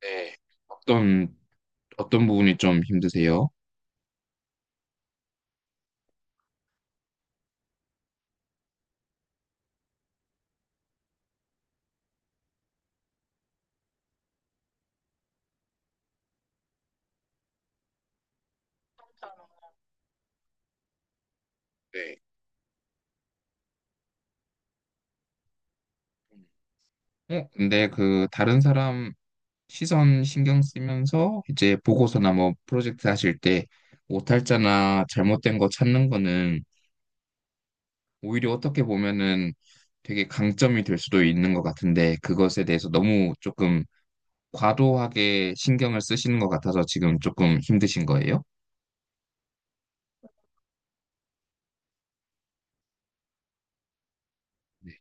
네. 어떤, 어떤 부분이 좀 힘드세요? 네. 근데 그 다른 사람 시선 신경 쓰면서 이제 보고서나 뭐 프로젝트 하실 때 오탈자나 잘못된 거 찾는 거는 오히려 어떻게 보면은 되게 강점이 될 수도 있는 것 같은데, 그것에 대해서 너무 조금 과도하게 신경을 쓰시는 것 같아서 지금 조금 힘드신 거예요? 네.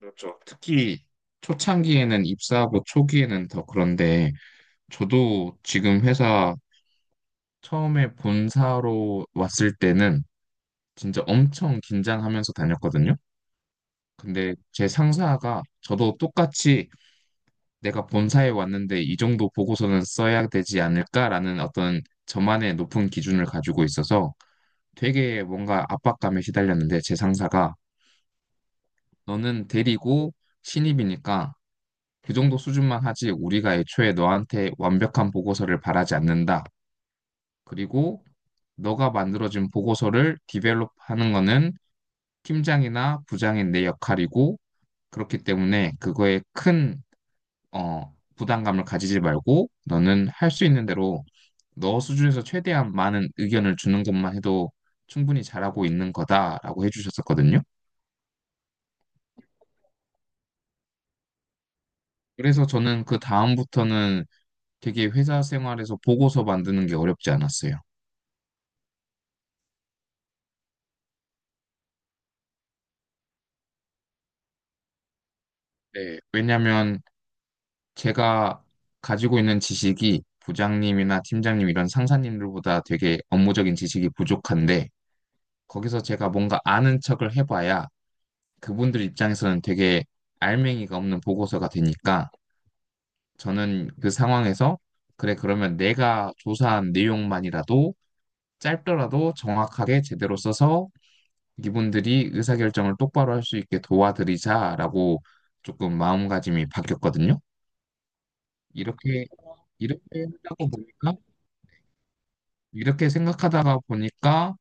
그렇죠. 특히 초창기에는, 입사하고 초기에는 더 그런데, 저도 지금 회사 처음에 본사로 왔을 때는 진짜 엄청 긴장하면서 다녔거든요. 근데 제 상사가, 저도 똑같이 내가 본사에 왔는데 이 정도 보고서는 써야 되지 않을까라는 어떤 저만의 높은 기준을 가지고 있어서 되게 뭔가 압박감에 시달렸는데, 제 상사가 너는 대리고 신입이니까 그 정도 수준만 하지, 우리가 애초에 너한테 완벽한 보고서를 바라지 않는다. 그리고 너가 만들어진 보고서를 디벨롭하는 거는 팀장이나 부장인 내 역할이고, 그렇기 때문에 그거에 큰 부담감을 가지지 말고 너는 할 수 있는 대로 너 수준에서 최대한 많은 의견을 주는 것만 해도 충분히 잘하고 있는 거다라고 해주셨었거든요. 그래서 저는 그 다음부터는 되게 회사 생활에서 보고서 만드는 게 어렵지 않았어요. 네, 왜냐면 제가 가지고 있는 지식이 부장님이나 팀장님 이런 상사님들보다 되게 업무적인 지식이 부족한데, 거기서 제가 뭔가 아는 척을 해봐야 그분들 입장에서는 되게 알맹이가 없는 보고서가 되니까, 저는 그 상황에서 그래, 그러면 내가 조사한 내용만이라도 짧더라도 정확하게 제대로 써서 이분들이 의사결정을 똑바로 할 수 있게 도와드리자라고 조금 마음가짐이 바뀌었거든요. 이렇게 이렇게 하고 보니까, 이렇게 생각하다가 보니까,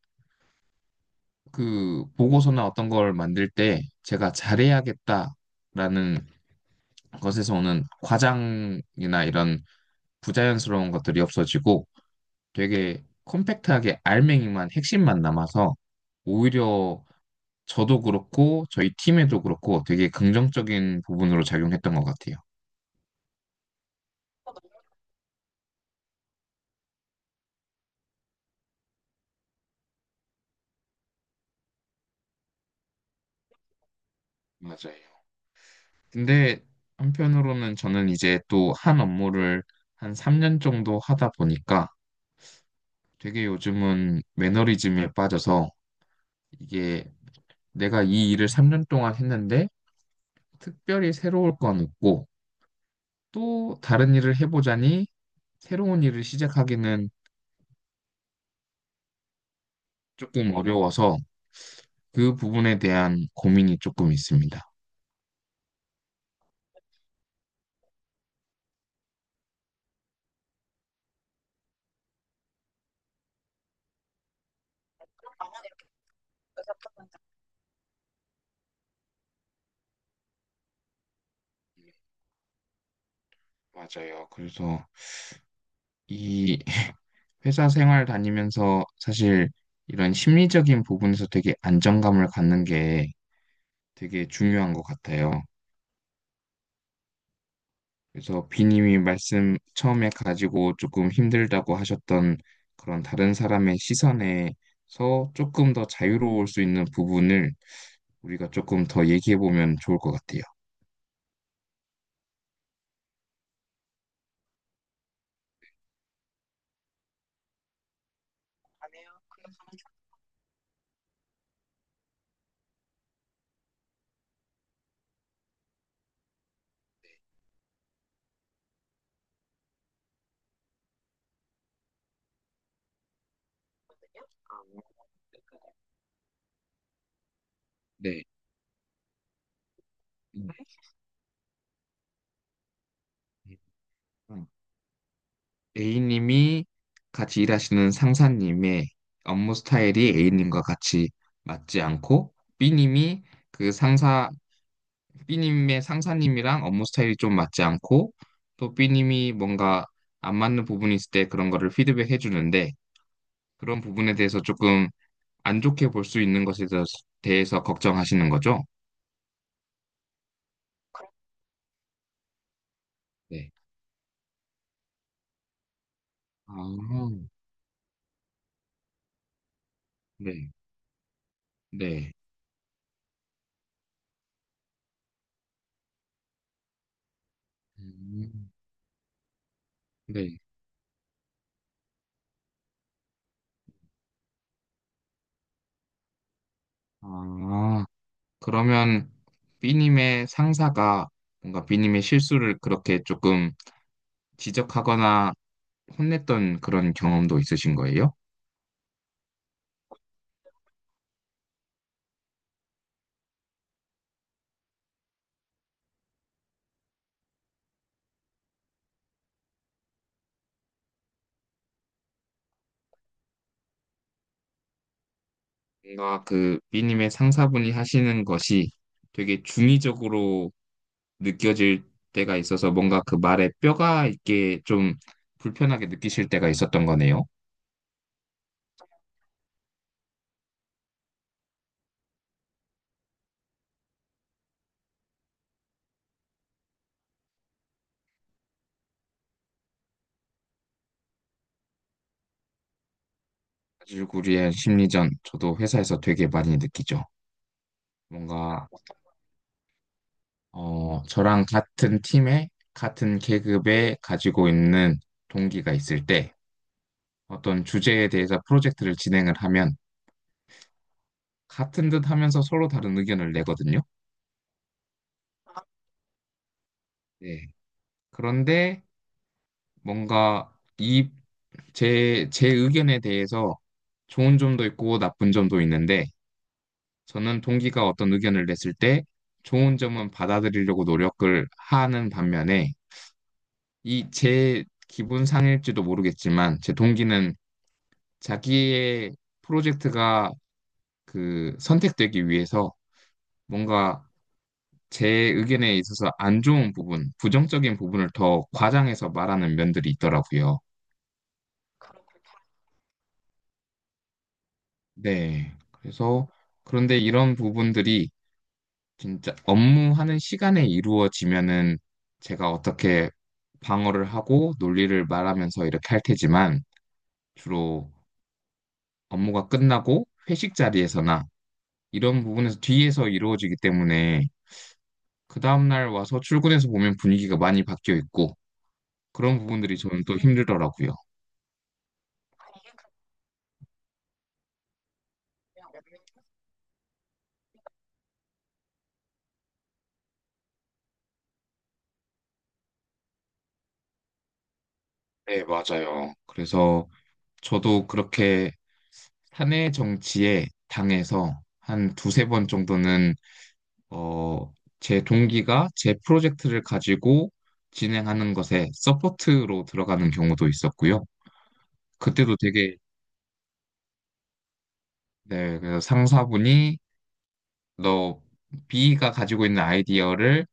그 보고서나 어떤 걸 만들 때 제가 잘해야겠다라는 것에서 오는 과장이나 이런 부자연스러운 것들이 없어지고, 되게 컴팩트하게 알맹이만 핵심만 남아서 오히려 저도 그렇고 저희 팀에도 그렇고 되게 긍정적인 부분으로 작용했던 것 같아요. 맞아요. 근데 한편으로는 저는 이제 또 한 업무를 한 3년 정도 하다 보니까 되게 요즘은 매너리즘에 빠져서, 이게 내가 이 일을 3년 동안 했는데 특별히 새로울 건 없고, 또 다른 일을 해보자니 새로운 일을 시작하기는 조금 어려워서 그 부분에 대한 고민이 조금 있습니다. 맞아요. 그래서 이 회사 생활 다니면서 사실 이런 심리적인 부분에서 되게 안정감을 갖는 게 되게 중요한 것 같아요. 그래서 비님이 말씀 처음에 가지고 조금 힘들다고 하셨던 그런 다른 사람의 시선에서 조금 더 자유로울 수 있는 부분을 우리가 조금 더 얘기해 보면 좋을 것 같아요. 네. 음. A님이 같이 일하시는 상사님의 업무 스타일이 A님과 같이 맞지 않고, B님이 그 상사 B님의 상사님이랑 업무 스타일이 좀 맞지 않고, 또 B님이 뭔가 안 맞는 부분이 있을 때 그런 거를 피드백해 주는데, 그런 부분에 대해서 조금 안 좋게 볼 수 있는 것에 대해서 걱정하시는 거죠? 네. 아, 네. 네. 음, 네. 아, 그러면 B님의 상사가 뭔가 B님의 실수를 그렇게 조금 지적하거나 혼냈던 그런 경험도 있으신 거예요? 뭔가 그 B님의 상사분이 하시는 것이 되게 중의적으로 느껴질 때가 있어서, 뭔가 그 말에 뼈가 있게 좀 불편하게 느끼실 때가 있었던 거네요. 사실구리의 심리전 저도 회사에서 되게 많이 느끼죠. 뭔가 저랑 같은 팀에 같은 계급에 가지고 있는 동기가 있을 때, 어떤 주제에 대해서 프로젝트를 진행을 하면 같은 듯 하면서 서로 다른 의견을 내거든요. 네. 그런데 뭔가 이 제 의견에 대해서 좋은 점도 있고 나쁜 점도 있는데, 저는 동기가 어떤 의견을 냈을 때 좋은 점은 받아들이려고 노력을 하는 반면에, 이 제 기분 상일지도 모르겠지만, 제 동기는 자기의 프로젝트가 그 선택되기 위해서 뭔가 제 의견에 있어서 안 좋은 부분, 부정적인 부분을 더 과장해서 말하는 면들이 있더라고요. 네. 그래서, 그런데 이런 부분들이 진짜 업무하는 시간에 이루어지면은 제가 어떻게 방어를 하고 논리를 말하면서 이렇게 할 테지만, 주로 업무가 끝나고 회식 자리에서나 이런 부분에서 뒤에서 이루어지기 때문에, 그 다음날 와서 출근해서 보면 분위기가 많이 바뀌어 있고, 그런 부분들이 저는 또 힘들더라고요. 네, 맞아요. 그래서 저도 그렇게 사내 정치에 당해서 한 두세 번 정도는 어, 제 동기가 제 프로젝트를 가지고 진행하는 것에 서포트로 들어가는 경우도 있었고요. 그때도 되게, 네, 그래서 상사분이, 너 B가 가지고 있는 아이디어를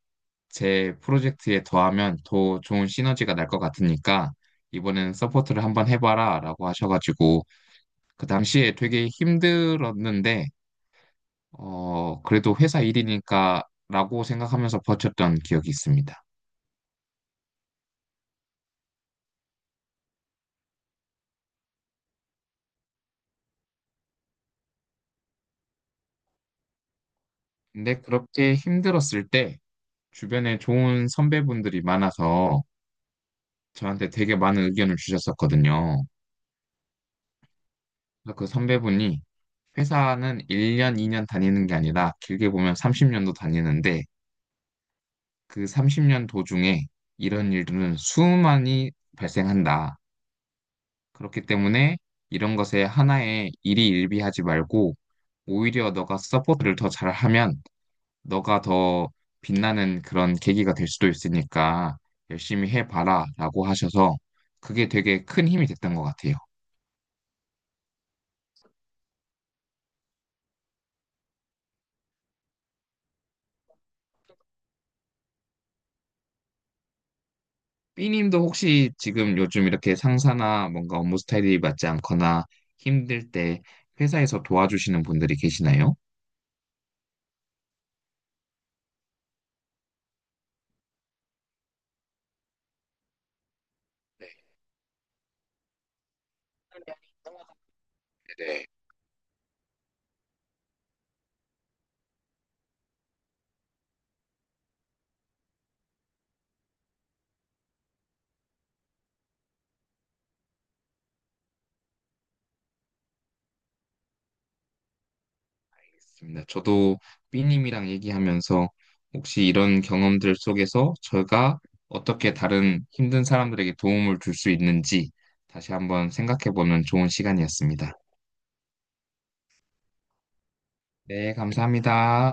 제 프로젝트에 더하면 더 좋은 시너지가 날 것 같으니까 이번에는 서포트를 한번 해봐라, 라고 하셔가지고 그 당시에 되게 힘들었는데, 그래도 회사 일이니까, 라고 생각하면서 버텼던 기억이 있습니다. 근데 그렇게 힘들었을 때 주변에 좋은 선배분들이 많아서 저한테 되게 많은 의견을 주셨었거든요. 그래서 그 선배분이, 회사는 1년, 2년 다니는 게 아니라 길게 보면 30년도 다니는데, 그 30년 도중에 이런 일들은 수많이 발생한다. 그렇기 때문에 이런 것에 하나의 일이 일비하지 말고 오히려 너가 서포트를 더 잘하면 너가 더 빛나는 그런 계기가 될 수도 있으니까 열심히 해봐라, 라고 하셔서 그게 되게 큰 힘이 됐던 것 같아요. B님도 혹시 지금 요즘 이렇게 상사나 뭔가 업무 스타일이 맞지 않거나 힘들 때 회사에서 도와주시는 분들이 계시나요? 네, 알겠습니다. 저도 B님이랑 얘기하면서 혹시 이런 경험들 속에서 제가 어떻게 다른 힘든 사람들에게 도움을 줄 수 있는지 다시 한번 생각해보는 좋은 시간이었습니다. 네, 감사합니다.